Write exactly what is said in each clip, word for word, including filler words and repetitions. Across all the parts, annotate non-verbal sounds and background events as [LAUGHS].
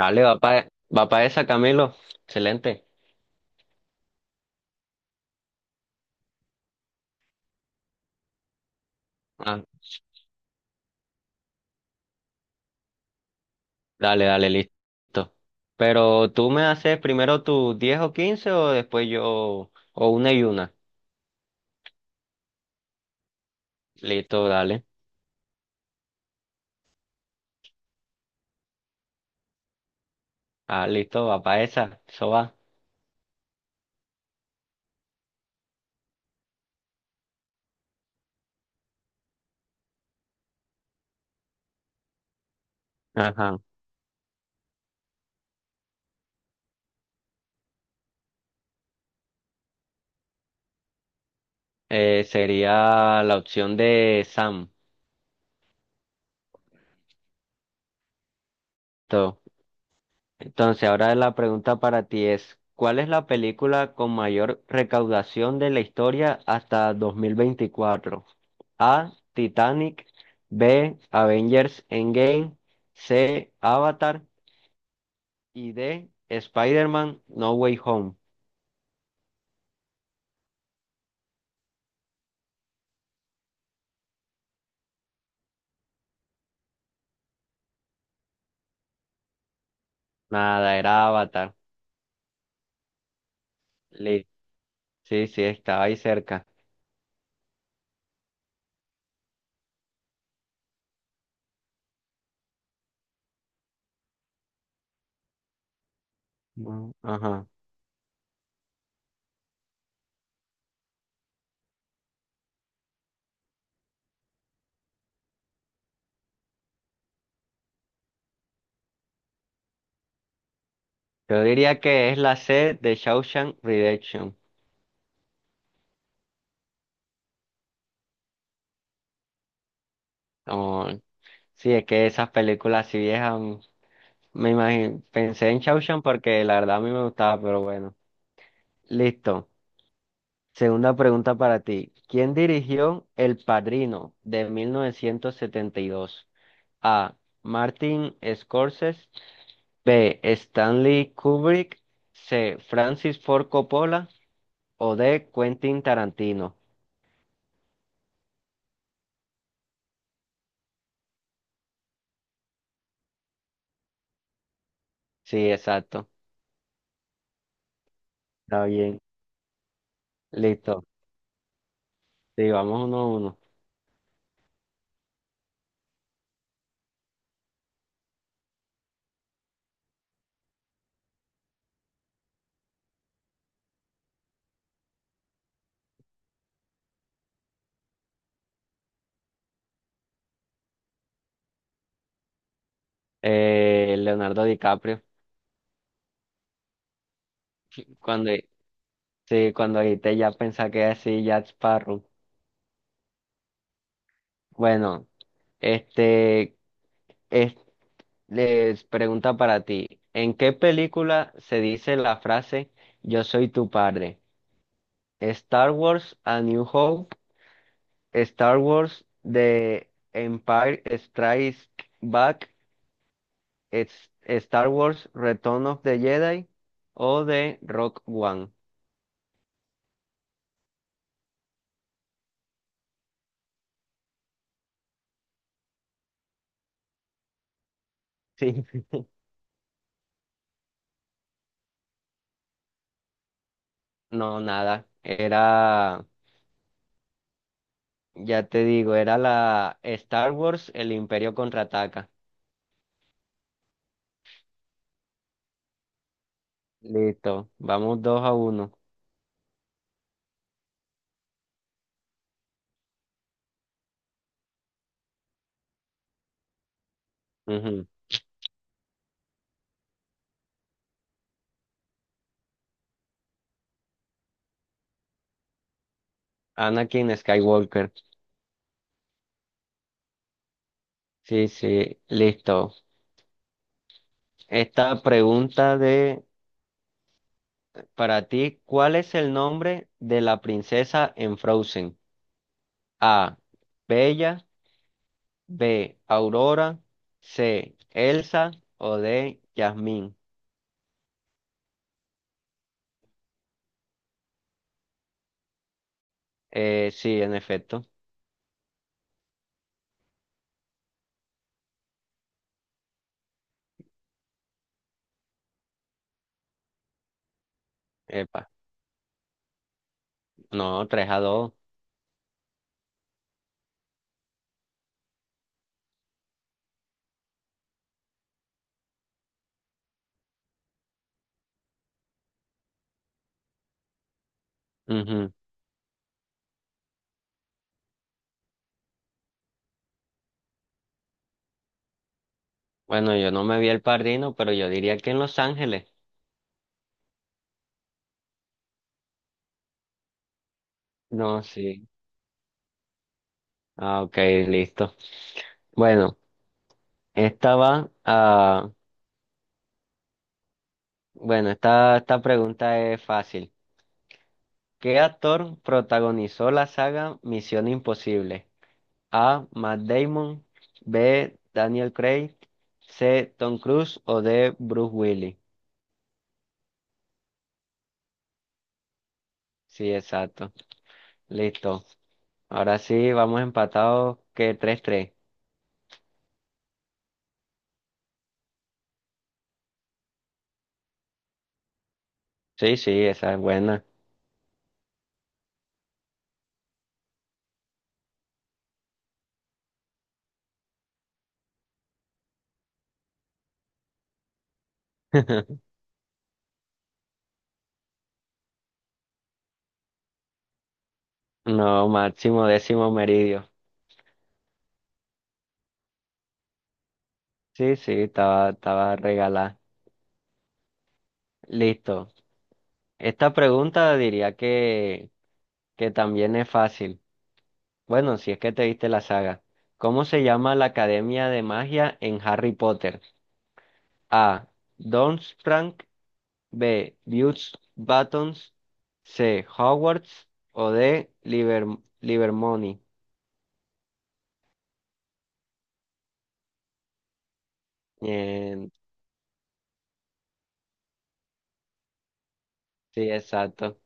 Dale, va para va pa esa, Camilo. Excelente. Ah, dale, dale, listo. Pero tú me haces primero tus diez o quince o después yo, o una y una. Listo, dale. Ah, listo, va para esa. Eso va. Ajá. Eh, sería la opción de Sam. Entonces, ahora la pregunta para ti es, ¿cuál es la película con mayor recaudación de la historia hasta dos mil veinticuatro? A, Titanic. B, Avengers Endgame. C, Avatar. Y D, Spider-Man No Way Home. Nada, era Avatar. Li- Sí, sí, estaba ahí cerca. Mm, ajá. Yo diría que es la C de Shawshank Redemption. Como- sí, es que esas películas así viejas. Me imagino, pensé en Shawshank porque la verdad a mí me gustaba, pero bueno. Listo. Segunda pregunta para ti. ¿Quién dirigió El Padrino de mil novecientos setenta y dos? A. Martin Scorsese. B. Stanley Kubrick. C. Francis Ford Coppola. O D. Quentin Tarantino. Sí, exacto. Está bien. Listo. Sí, vamos uno a uno. Eh, Leonardo DiCaprio. Cuando, sí, cuando te ya pensé que era así, Jack Sparrow. Bueno, este, es- les pregunta para ti, ¿en qué película se dice la frase yo soy tu padre? Star Wars, A New Hope. Star Wars, The Empire Strikes Back. es- Star Wars, Return of the Jedi. O de Rock One. Sí. [LAUGHS] No, nada. Era, ya te digo, era la Star Wars, El Imperio Contraataca. Listo, vamos dos a uno. Ujú. Anakin Skywalker. Sí, sí, listo. Esta pregunta de Para ti, ¿cuál es el nombre de la princesa en Frozen? A. Bella. B. Aurora. C. Elsa. O D. Jasmine. Eh, sí, en efecto. Epa, no, tres a dos. Ujú. Bueno, yo no me vi el padrino, pero yo diría que en Los Ángeles. No, sí. Ah, ok, listo. Bueno. Esta va a... Bueno, esta, esta pregunta es fácil. ¿Qué actor protagonizó la saga Misión Imposible? A. Matt Damon. B. Daniel Craig. C. Tom Cruise. O D. Bruce Willis. Sí, exacto. Listo. Ahora sí, vamos empatados que tres tres. Sí, sí, esa es buena. [LAUGHS] No, máximo décimo meridio. Sí, sí, estaba, estaba regalada. Listo. Esta pregunta diría que que también es fácil. Bueno, si es que te viste la saga. ¿Cómo se llama la Academia de Magia en Harry Potter? A. Doomsprank. B. Butch Buttons. C. Hogwarts. O D. Liber Livermony. Bien, sí, exacto.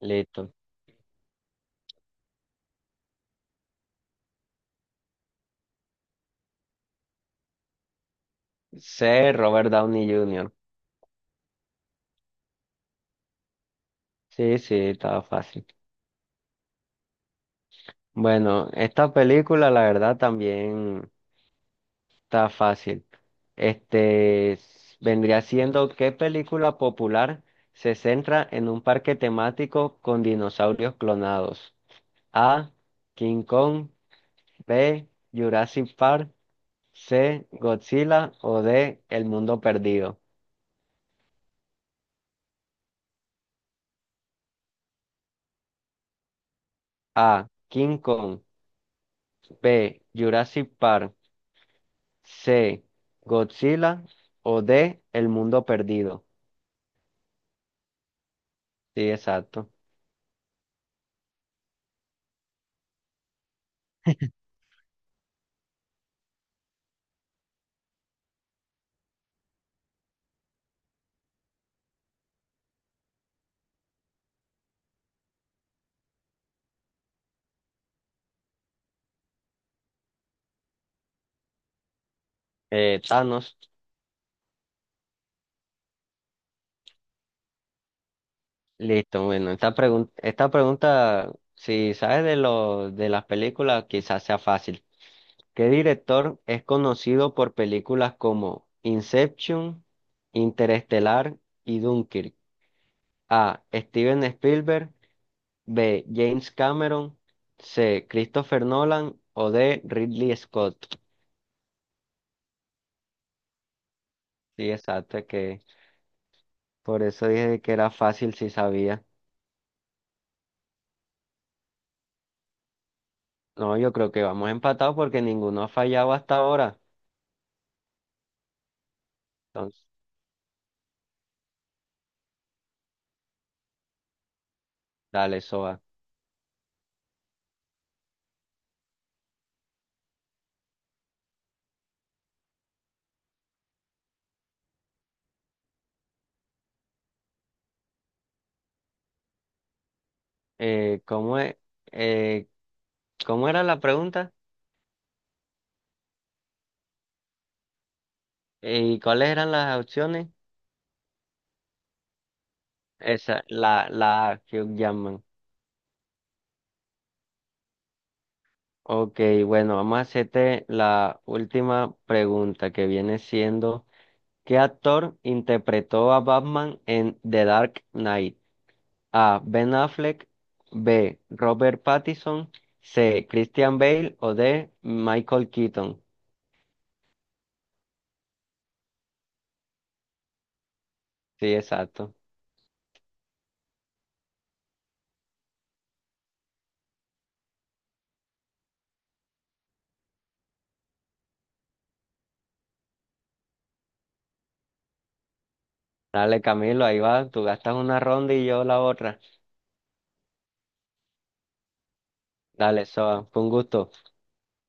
Listo. C. Robert Downey junior Sí, sí, estaba fácil. Bueno, esta película la verdad también está fácil. Este s- vendría siendo, ¿qué película popular se centra en un parque temático con dinosaurios clonados? A. King Kong. B. Jurassic Park. C. Godzilla. O D. El Mundo Perdido. A. King Kong. B. Jurassic Park. C. Godzilla. O D. El Mundo Perdido. Sí, exacto. Eh, Thanos. Listo, bueno, esta pregunta, esta pregunta, si sabes de lo de las películas, quizás sea fácil. ¿Qué director es conocido por películas como Inception, Interestelar y Dunkirk? A. Steven Spielberg. B. James Cameron. C. Christopher Nolan. O D. Ridley Scott. Sí, exacto, que por eso dije que era fácil si sabía. No, yo creo que vamos empatados porque ninguno ha fallado hasta ahora. Entonces, dale, Soa. Eh, ¿cómo es? Eh, ¿cómo era la pregunta? ¿Y cuáles eran las opciones? Esa, la, la Hugh Jackman. Ok, bueno, vamos a hacerte la última pregunta que viene siendo, ¿qué actor interpretó a Batman en The Dark Knight? A. Ben Affleck. B. Robert Pattinson. C. Christian Bale. O D. Michael Keaton. Sí, exacto. Dale, Camilo, ahí va, tú gastas una ronda y yo la otra. Dale, Soba, fue un gusto.